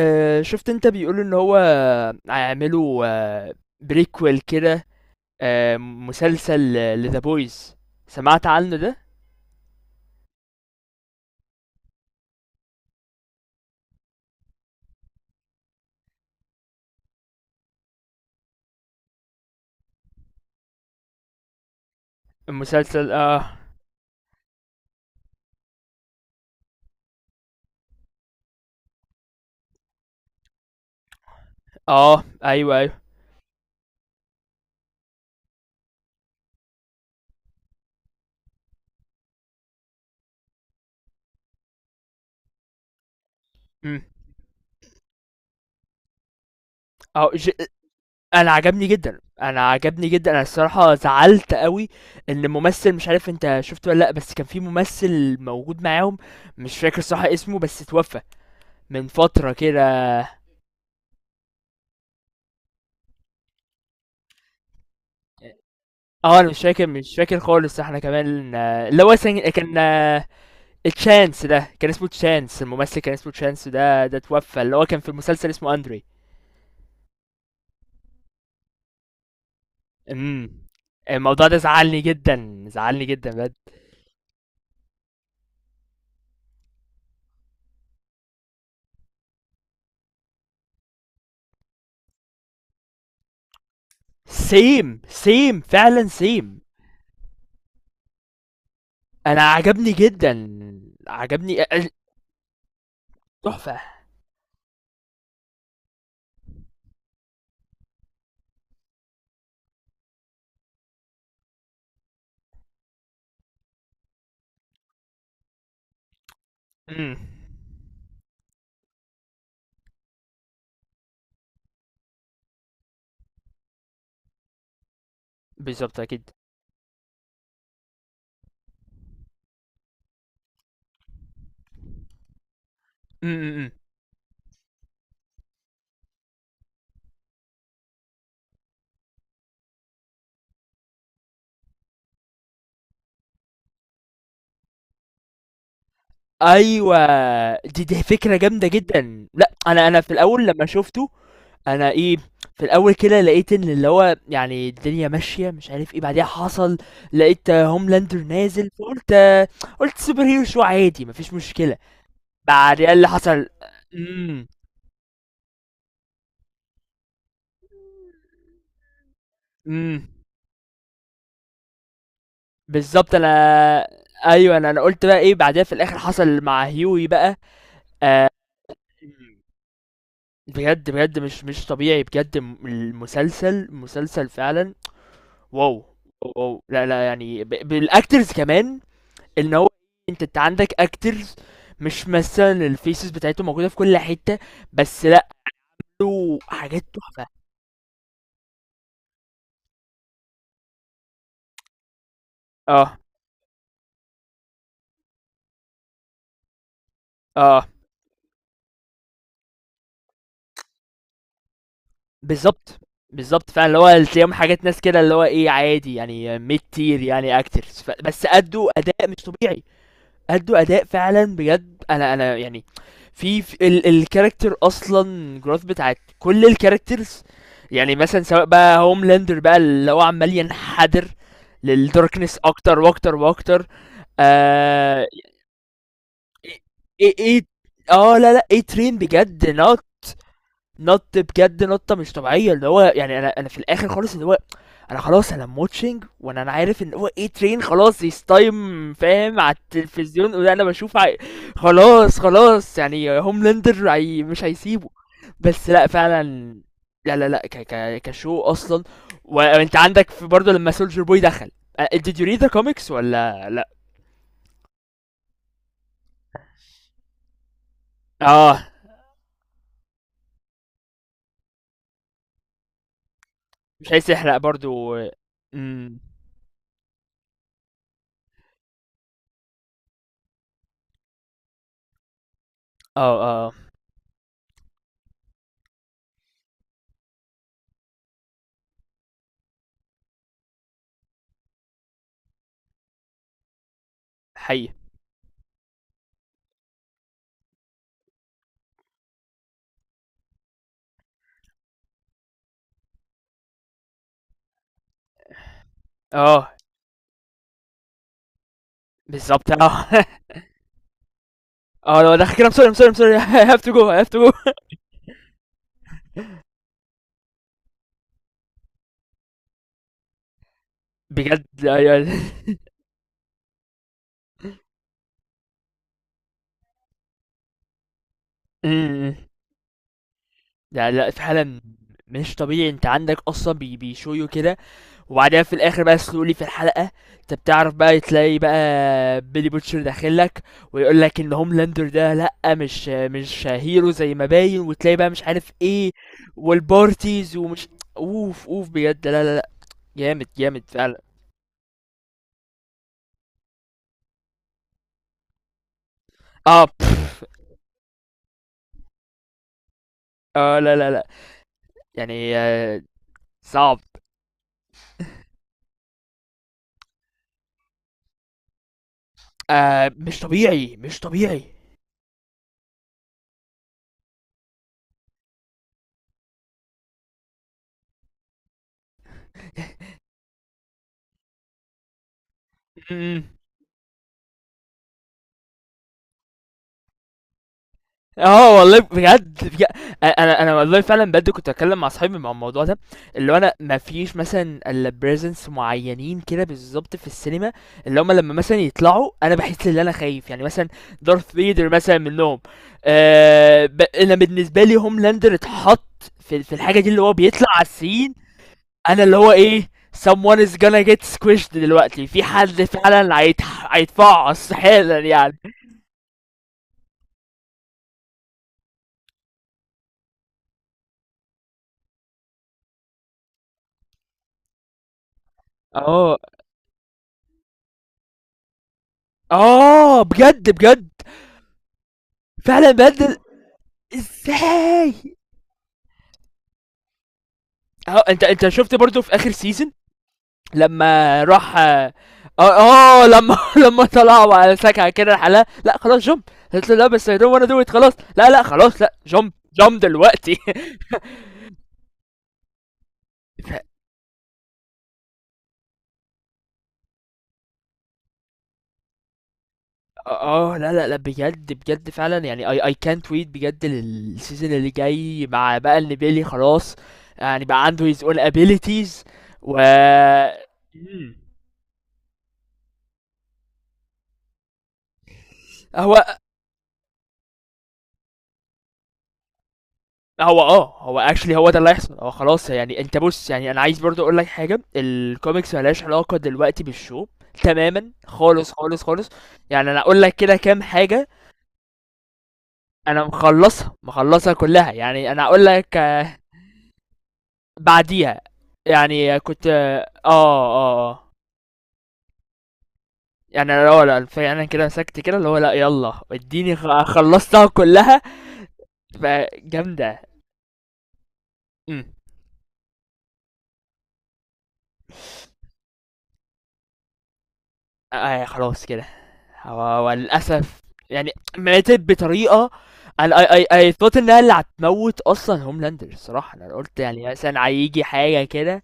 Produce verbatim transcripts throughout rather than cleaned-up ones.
آه، شفت انت بيقولوا ان هو هيعملوا آه، بريكويل كده آه، مسلسل لذا بويز سمعت عنه ده المسلسل اه اه ايوه ايوه. امم اه ج... انا عجبني جدا، انا عجبني جدا انا الصراحه زعلت قوي ان الممثل، مش عارف انت شفته ولا لا، بس كان في ممثل موجود معاهم، مش فاكر صح اسمه، بس اتوفى من فتره كده. اه انا مش فاكر مش فاكر خالص. احنا كمان آه، اللي هو سن- كان آه، تشانس ده، كان اسمه تشانس، الممثل كان اسمه تشانس ده، ده توفى، اللي هو كان في المسلسل اسمه اندري. امم. الموضوع ده زعلني جدا، زعلني جدا بجد. سيم سيم فعلا سيم. انا عجبني جدا، عجبني أ- أ- تحفة. امم. بالظبط اكيد. امم. ايوه، دي دي فكرة جامدة جدا. لا انا انا في الاول لما شفته انا ايه، في الاول كده لقيت ان اللي هو يعني الدنيا ماشيه مش عارف ايه، بعديها حصل، لقيت هوملاندر نازل فقلت، قلت سوبر هيرو شو عادي، مفيش مشكله. بعديها اللي حصل. امم. امم. بالظبط. انا ايوه، انا انا قلت بقى ايه بعديها، في الاخر حصل مع هيوي بقى. آه، بجد بجد، مش مش طبيعي بجد. الم- المسلسل مسلسل فعلا. واو واو واو. لا لا يعني ب- بالاكترز كمان، ان هو انت انت عندك اكترز، مش مثلا الفيسز بتاعتهم موجوده في كل حته، بس لا له حاجات تحفه. اه اه بالظبط بالظبط فعلا اللي هو تلاقيهم حاجات ناس كده اللي هو ايه عادي، يعني ميد تير يعني اكترز، ف... بس ادوا اداء مش طبيعي. ادوا اداء فعلا بجد. انا انا يعني في، في ال... الكاركتر اصلا، جروث بتاعت كل الكاركترز، يعني مثلا سواء بقى هوملاندر بقى اللي هو عمال ينحدر للداركنس اكتر واكتر واكتر. آه. ايه ايه إيه، اه لا لا، ايه ترين بجد نط، نط بجد نطه مش طبيعيه. اللي هو يعني انا انا في الاخر خالص اللي هو انا خلاص انا موتشنج، وانا انا عارف ان هو ايه ترين خلاص، يس تايم، فاهم، على التلفزيون وده انا بشوف عي... خلاص خلاص، يعني هوملاندر عي... مش هيسيبه. بس لا فعلا، لا لا لا، ك... ك... كشو اصلا. و- وانت عندك في برضه لما سولجر بوي دخل، آه، did you read the comics ولا لا؟ اه، مش عايز تحرق برضو. امم. اه اه. حقيقي. اه. بالظبط اه. اه لو دخل كده I'm sorry I'm sorry I'm sorry I have to go I have to go. بجد ايوه. امم. لا لا فعلا. مش طبيعي، انت عندك اصلا بي بيشويو كده، وبعدين في الاخر بقى سلولي في الحلقه، انت بتعرف بقى تلاقي بقى بيلي بوتشر داخل لك ويقول لك ان هوملاندر ده لا، مش مش هيرو زي ما باين، وتلاقي بقى مش عارف ايه، والبارتيز ومش، اوف اوف بجد. لا لا لا، جامد جامد فعلا. اه، بف. اه لا لا لا يعني آه صعب. آه مش طبيعي مش طبيعي. امم. اه والله بجد بجد. انا انا أنا والله فعلا بجد كنت اتكلم مع صاحبي مع الموضوع ده، اللي هو انا ما فيش مثلا الا بريزنس معينين كده بالظبط في السينما، اللي هم لما مثلا يطلعوا انا بحس ان انا خايف، يعني مثلا دارث فيدر مثلا منهم. آه، ب... انا بالنسبه لي هوملاندر اتحط في في الحاجه دي اللي هو بيطلع على السين أنا اللي هو إيه، someone is gonna get squished دلوقتي، في حد فعلًا هيتح هيتفعص حالًا يعني. آه، آه بجد، بجد، فعلًا بجد. إزاي؟ آه، أنت أنت شُفت برضه في آخر season لمّا راح، آه آه، لمّا لمّا طلعوا على سكعة كده لحالها، لأ خلاص jump. قالت له: "لأ بس I don't wanna do it"، خلاص، لأ، لأ خلاص لأ jump، jump دلوقتي. ف اه لا لا لا بجد بجد فعلا، يعني اي اي كانت ويت بجد للسيزون اللي جاي، مع بقى ان بيلي خلاص يعني بقى عنده his own abilities. و، مم. هو هو اه هو اكشلي هو ده اللي هيحصل. هو خلاص، يعني انت بص، يعني انا عايز برضو اقول لك حاجه، الكوميكس ملهاش علاقه دلوقتي بالشو تماما، خالص خالص خالص. يعني انا اقول لك كده كام حاجه. انا مخلصها، مخلصها كلها، يعني انا اقول لك. بعديها، يعني كنت اه اه اه، يعني انا اه لا فعلا كده مسكت كده اللي هو لا يلا اديني، خ- خلصتها كلها. فجامدة. امم. آه خلاص كده. هو، وللاسف يعني ماتت بطريقة. انا اي اي اي thought انها اللي هتموت اصلا هوملاندر، الصراحة انا قلت يعني مثلا هيجي حاجة كده.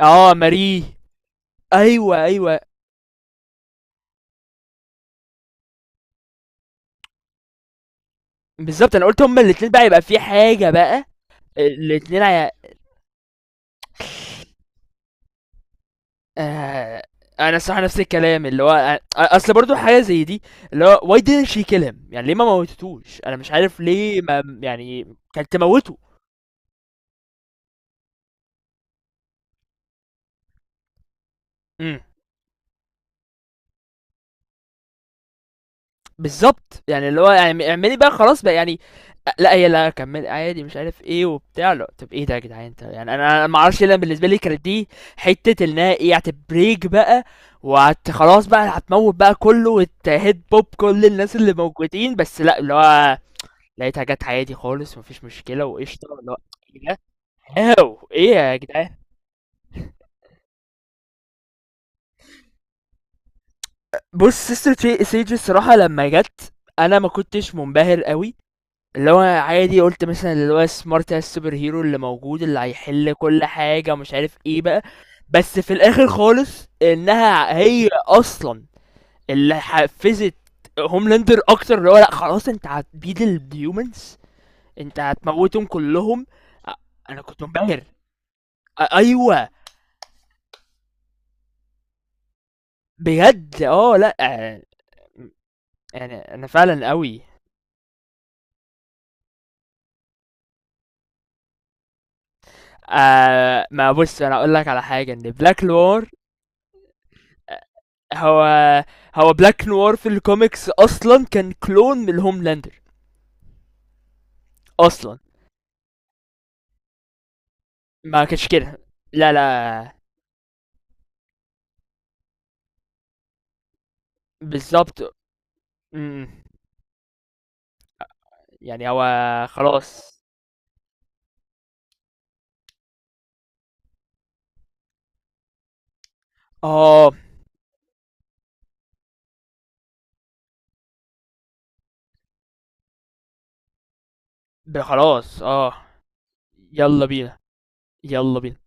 اه ماري. ايوه ايوه، بالظبط، انا قلت هما الاتنين بقى يبقى في حاجة بقى. الاتنين هي-، آه، انا الصراحه نفس الكلام اللي هو أ- اصل برضو حاجه زي دي اللي هو why didn't she kill him، يعني ليه ما موتتوش، انا مش عارف ليه ما يعني كانت تموته. امم. بالظبط، يعني اللي هو يعني اعملي بقى خلاص بقى يعني، أ- لا هي لا كمل عادي مش عارف ايه وبتاع، لا طب ايه ده يا جدعان انت، يعني انا انا ما اعرفش ليه. أنا بالنسبه لي كانت دي حته انها ايه هتبريك بقى، وهت خلاص بقى هتموت بقى كله وتهد بوب كل الناس اللي موجودين. بس لا اللي هو لقيتها جات عادي خالص مفيش مشكلة وقشطة اللي هو، إيه ده؟ هاو إيه يا جدعان. بص سيستر تي- سيج، الصراحة لما جت أنا ما كنتش منبهر قوي، اللي هو عادي قلت مثلا اللي هو سمارت السوبر هيرو اللي موجود اللي هيحل كل حاجة مش عارف ايه بقى. بس في الآخر خالص، إنها هي أصلا اللي حفزت هوملاندر أكتر اللي هو لأ خلاص أنت هتبيد الهيومنز، أنت هتموتهم كلهم. أ- أنا كنت منبهر. أ- أيوه بجد. آه لأ، آه، يعني أنا فعلًا أوي. آآ ما بُص، أنا هاقول لك على حاجة، إن Black Noir، أ هو هو Black Noir في الcomics أصلًا كان clone من Homelander أصلًا، ما كانش كده. لا، لا، بالضبط، إمم، يعني هو خلاص. آه، ب خلاص، آه، يالّا بينا، يالّا بينا.